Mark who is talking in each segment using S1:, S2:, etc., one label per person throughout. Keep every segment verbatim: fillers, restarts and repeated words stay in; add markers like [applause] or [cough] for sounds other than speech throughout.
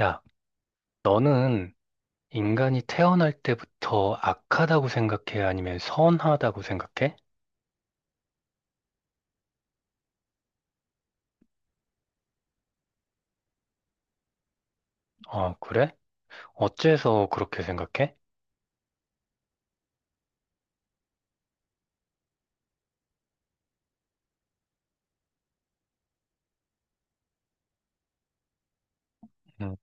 S1: 야, 너는 인간이 태어날 때부터 악하다고 생각해? 아니면 선하다고 생각해? 어, 그래? 어째서 그렇게 생각해? 음,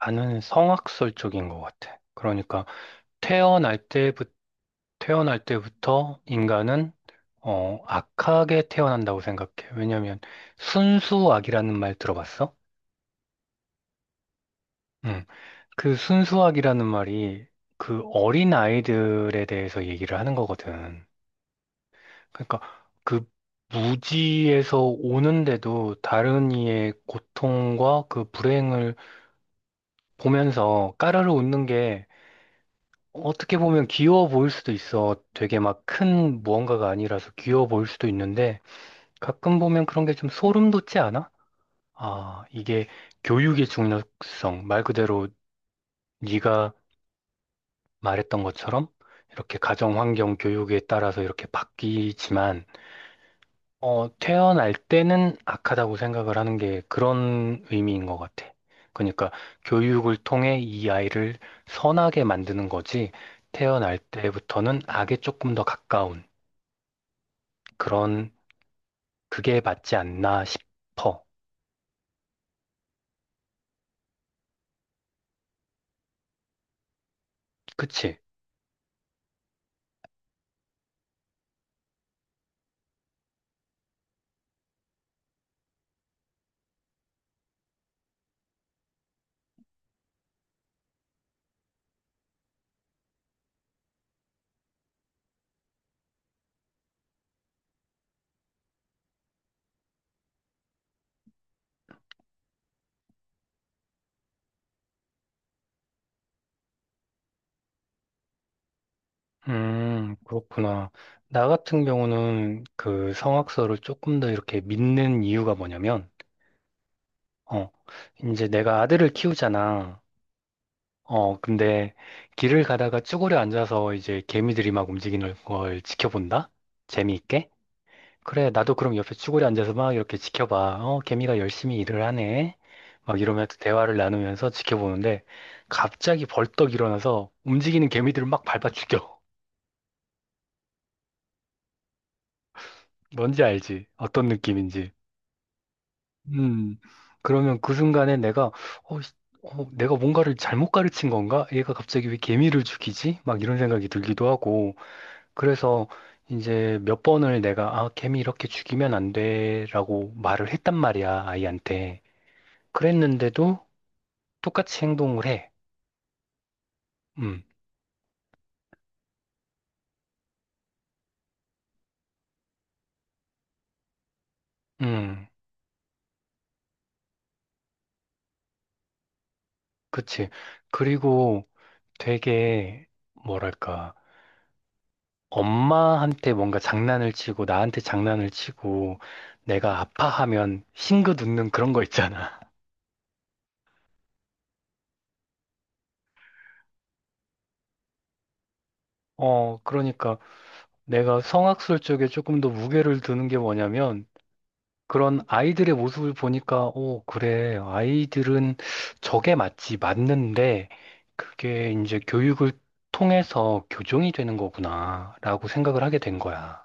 S1: 나는 성악설 쪽인 것 같아. 그러니까 태어날 때부터 태어날 때부터 인간은 어, 악하게 태어난다고 생각해. 왜냐면 순수악이라는 말 들어봤어? 음, 그 순수악이라는 말이 그 어린 아이들에 대해서 얘기를 하는 거거든. 그러니까 그 무지에서 오는데도 다른 이의 고통과 그 불행을 보면서 까르르 웃는 게 어떻게 보면 귀여워 보일 수도 있어. 되게 막 큰 무언가가 아니라서 귀여워 보일 수도 있는데 가끔 보면 그런 게 좀 소름 돋지 않아? 아, 이게 교육의 중요성. 말 그대로 네가 말했던 것처럼 이렇게 가정 환경 교육에 따라서 이렇게 바뀌지만 어, 태어날 때는 악하다고 생각을 하는 게 그런 의미인 것 같아. 그러니까 교육을 통해 이 아이를 선하게 만드는 거지, 태어날 때부터는 악에 조금 더 가까운 그런, 그게 맞지 않나 싶어. 그치? 음, 그렇구나. 나 같은 경우는 그 성악서를 조금 더 이렇게 믿는 이유가 뭐냐면, 어, 이제 내가 아들을 키우잖아. 어, 근데 길을 가다가 쭈그려 앉아서 이제 개미들이 막 움직이는 걸 지켜본다? 재미있게? 그래, 나도 그럼 옆에 쭈그려 앉아서 막 이렇게 지켜봐. 어, 개미가 열심히 일을 하네. 막 이러면서 대화를 나누면서 지켜보는데 갑자기 벌떡 일어나서 움직이는 개미들을 막 밟아 죽여. [laughs] 뭔지 알지? 어떤 느낌인지. 음. 그러면 그 순간에 내가 어, 씨, 어, 내가 뭔가를 잘못 가르친 건가? 얘가 갑자기 왜 개미를 죽이지? 막 이런 생각이 들기도 하고 그래서 이제 몇 번을 내가 아, 개미 이렇게 죽이면 안 돼라고 말을 했단 말이야, 아이한테. 그랬는데도 똑같이 행동을 해. 음. 음. 그치. 그리고 되게 뭐랄까? 엄마한테 뭔가 장난을 치고 나한테 장난을 치고 내가 아파하면 싱긋 웃는 그런 거 있잖아. [laughs] 어, 그러니까 내가 성악술 쪽에 조금 더 무게를 두는 게 뭐냐면 그런 아이들의 모습을 보니까, 오, 그래. 아이들은 저게 맞지, 맞는데, 그게 이제 교육을 통해서 교정이 되는 거구나, 라고 생각을 하게 된 거야.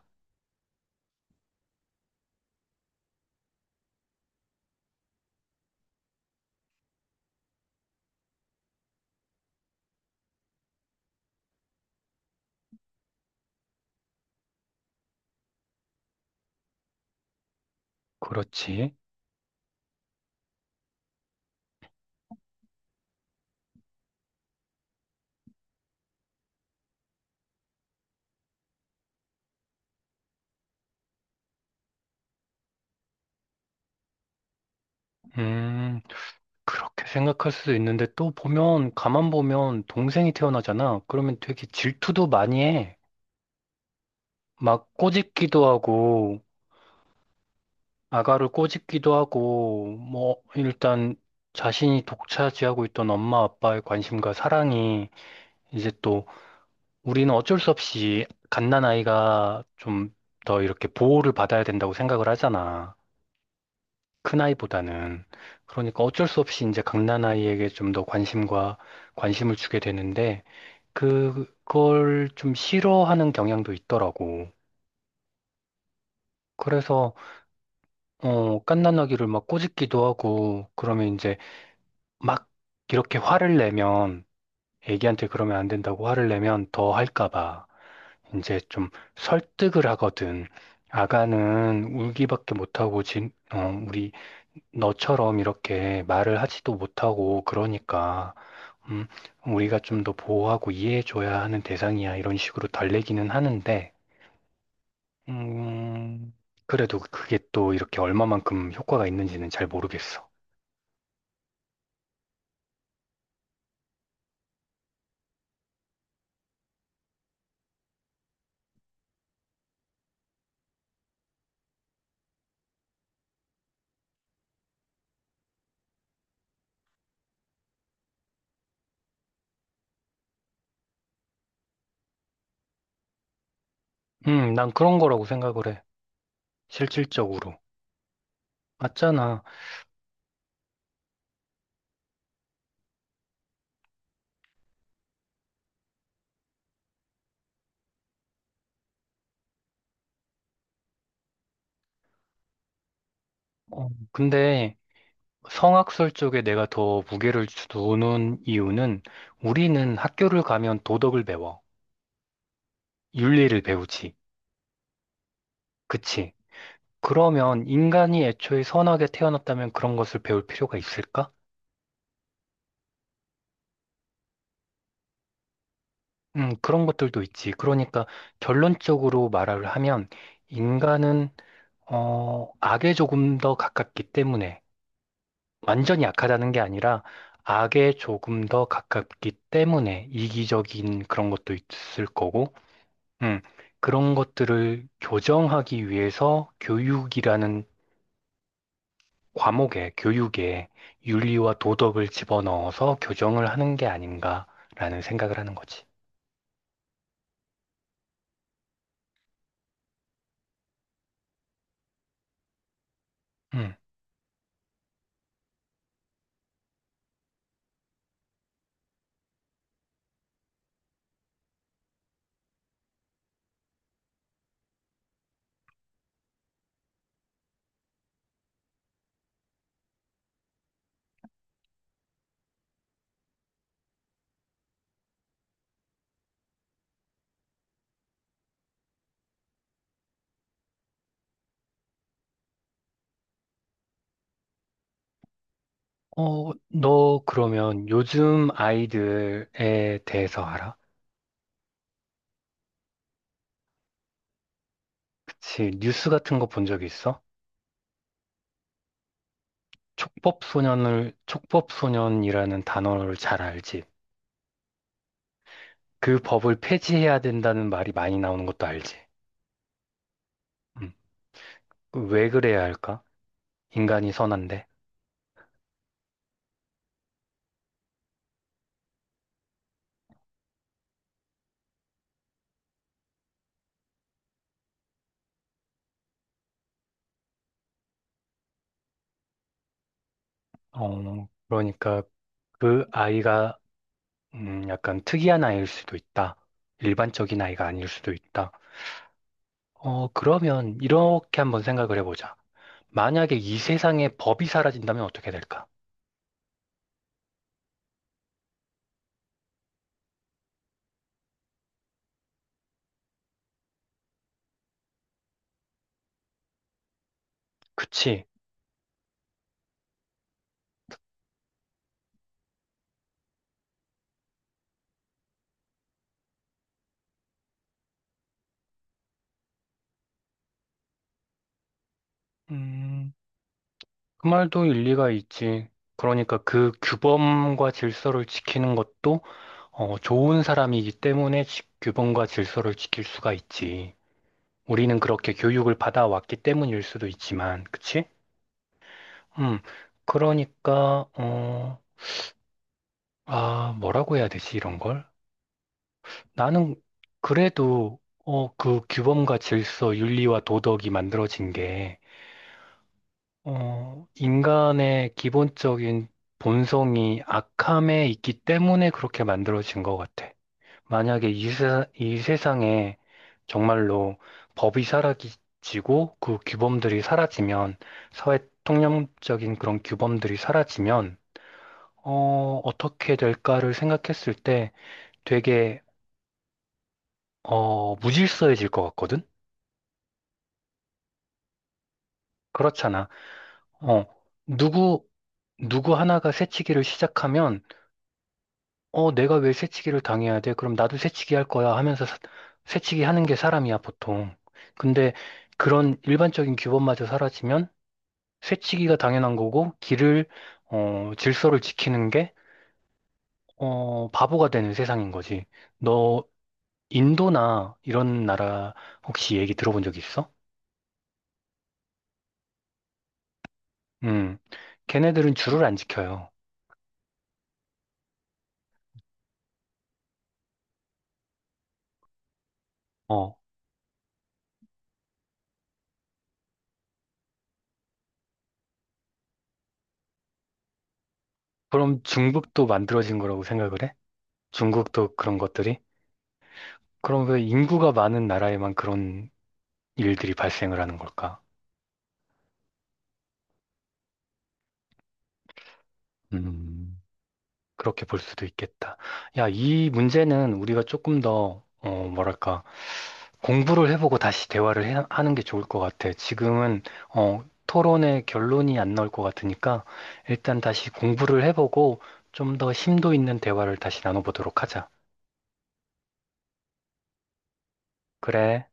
S1: 그렇지. 음, 그렇게 생각할 수도 있는데, 또 보면, 가만 보면, 동생이 태어나잖아. 그러면 되게 질투도 많이 해. 막 꼬집기도 하고, 아가를 꼬집기도 하고, 뭐, 일단, 자신이 독차지하고 있던 엄마 아빠의 관심과 사랑이 이제 또 우리는 어쩔 수 없이 갓난아이가 좀 더 이렇게 보호를 받아야 된다고 생각을 하잖아. 큰아이보다는. 그러니까 어쩔 수 없이 이제 갓난아이에게 좀 더 관심과 관심을 주게 되는데 그, 그걸 좀 싫어하는 경향도 있더라고. 그래서 어, 갓난아기를 막 꼬집기도 하고 그러면 이제 막 이렇게 화를 내면 애기한테 그러면 안 된다고 화를 내면 더 할까 봐. 이제 좀 설득을 하거든. 아가는 울기밖에 못하고, 진, 어, 우리 너처럼 이렇게 말을 하지도 못하고 그러니까, 음, 우리가 좀 더 보호하고 이해해줘야 하는 대상이야. 이런 식으로 달래기는 하는데, 음, 그래도 그게 또 이렇게 얼마만큼 효과가 있는지는 잘 모르겠어. 음, 난 그런 거라고 생각을 해. 실질적으로. 맞잖아. 어, 근데 성악설 쪽에 내가 더 무게를 두는 이유는 우리는 학교를 가면 도덕을 배워. 윤리를 배우지. 그치? 그러면 인간이 애초에 선하게 태어났다면 그런 것을 배울 필요가 있을까? 음, 그런 것들도 있지. 그러니까 결론적으로 말을 하면 인간은, 어, 악에 조금 더 가깝기 때문에 완전히 약하다는 게 아니라 악에 조금 더 가깝기 때문에 이기적인 그런 것도 있을 거고 음, 그런 것들을 교정하기 위해서 교육이라는 과목에, 교육에 윤리와 도덕을 집어넣어서 교정을 하는 게 아닌가라는 생각을 하는 거지. 음. 어, 너 그러면 요즘 아이들에 대해서 알아? 그치, 뉴스 같은 거 본 적 있어? 촉법소년을, 촉법소년이라는 단어를 잘 알지? 그 법을 폐지해야 된다는 말이 많이 나오는 것도 알지? 음. 왜 그래야 할까? 인간이 선한데. 어, 그러니까 그 아이가 음, 약간 특이한 아이일 수도 있다. 일반적인 아이가 아닐 수도 있다. 어, 그러면 이렇게 한번 생각을 해보자. 만약에 이 세상에 법이 사라진다면 어떻게 될까? 그치? 음, 그 말도 일리가 있지. 그러니까 그 규범과 질서를 지키는 것도 어, 좋은 사람이기 때문에 지- 규범과 질서를 지킬 수가 있지. 우리는 그렇게 교육을 받아왔기 때문일 수도 있지만, 그치? 음, 그러니까, 어, 아, 뭐라고 해야 되지, 이런 걸? 나는 그래도, 어, 그 규범과 질서, 윤리와 도덕이 만들어진 게, 어, 인간의 기본적인 본성이 악함에 있기 때문에 그렇게 만들어진 것 같아. 만약에 이, 세, 이 세상에 정말로 법이 사라지고 그 규범들이 사라지면, 사회 통념적인 그런 규범들이 사라지면, 어, 어떻게 될까를 생각했을 때 되게, 어, 무질서해질 것 같거든? 그렇잖아. 어, 누구, 누구 하나가 새치기를 시작하면, 어, 내가 왜 새치기를 당해야 돼? 그럼 나도 새치기 할 거야 하면서 사- 새치기 하는 게 사람이야, 보통. 근데 그런 일반적인 규범마저 사라지면 새치기가 당연한 거고, 길을, 어, 질서를 지키는 게, 어, 바보가 되는 세상인 거지. 너 인도나 이런 나라 혹시 얘기 들어본 적 있어? 음, 걔네들은 줄을 안 지켜요. 어, 그럼 중국도 만들어진 거라고 생각을 해? 중국도 그런 것들이? 그럼 왜 인구가 많은 나라에만 그런 일들이 발생을 하는 걸까? 음, 그렇게 볼 수도 있겠다. 야, 이 문제는 우리가 조금 더, 어, 뭐랄까. 공부를 해보고 다시 대화를 해- 하는 게 좋을 것 같아. 지금은 어, 토론의 결론이 안 나올 것 같으니까 일단 다시 공부를 해보고 좀 더 심도 있는 대화를 다시 나눠보도록 하자. 그래.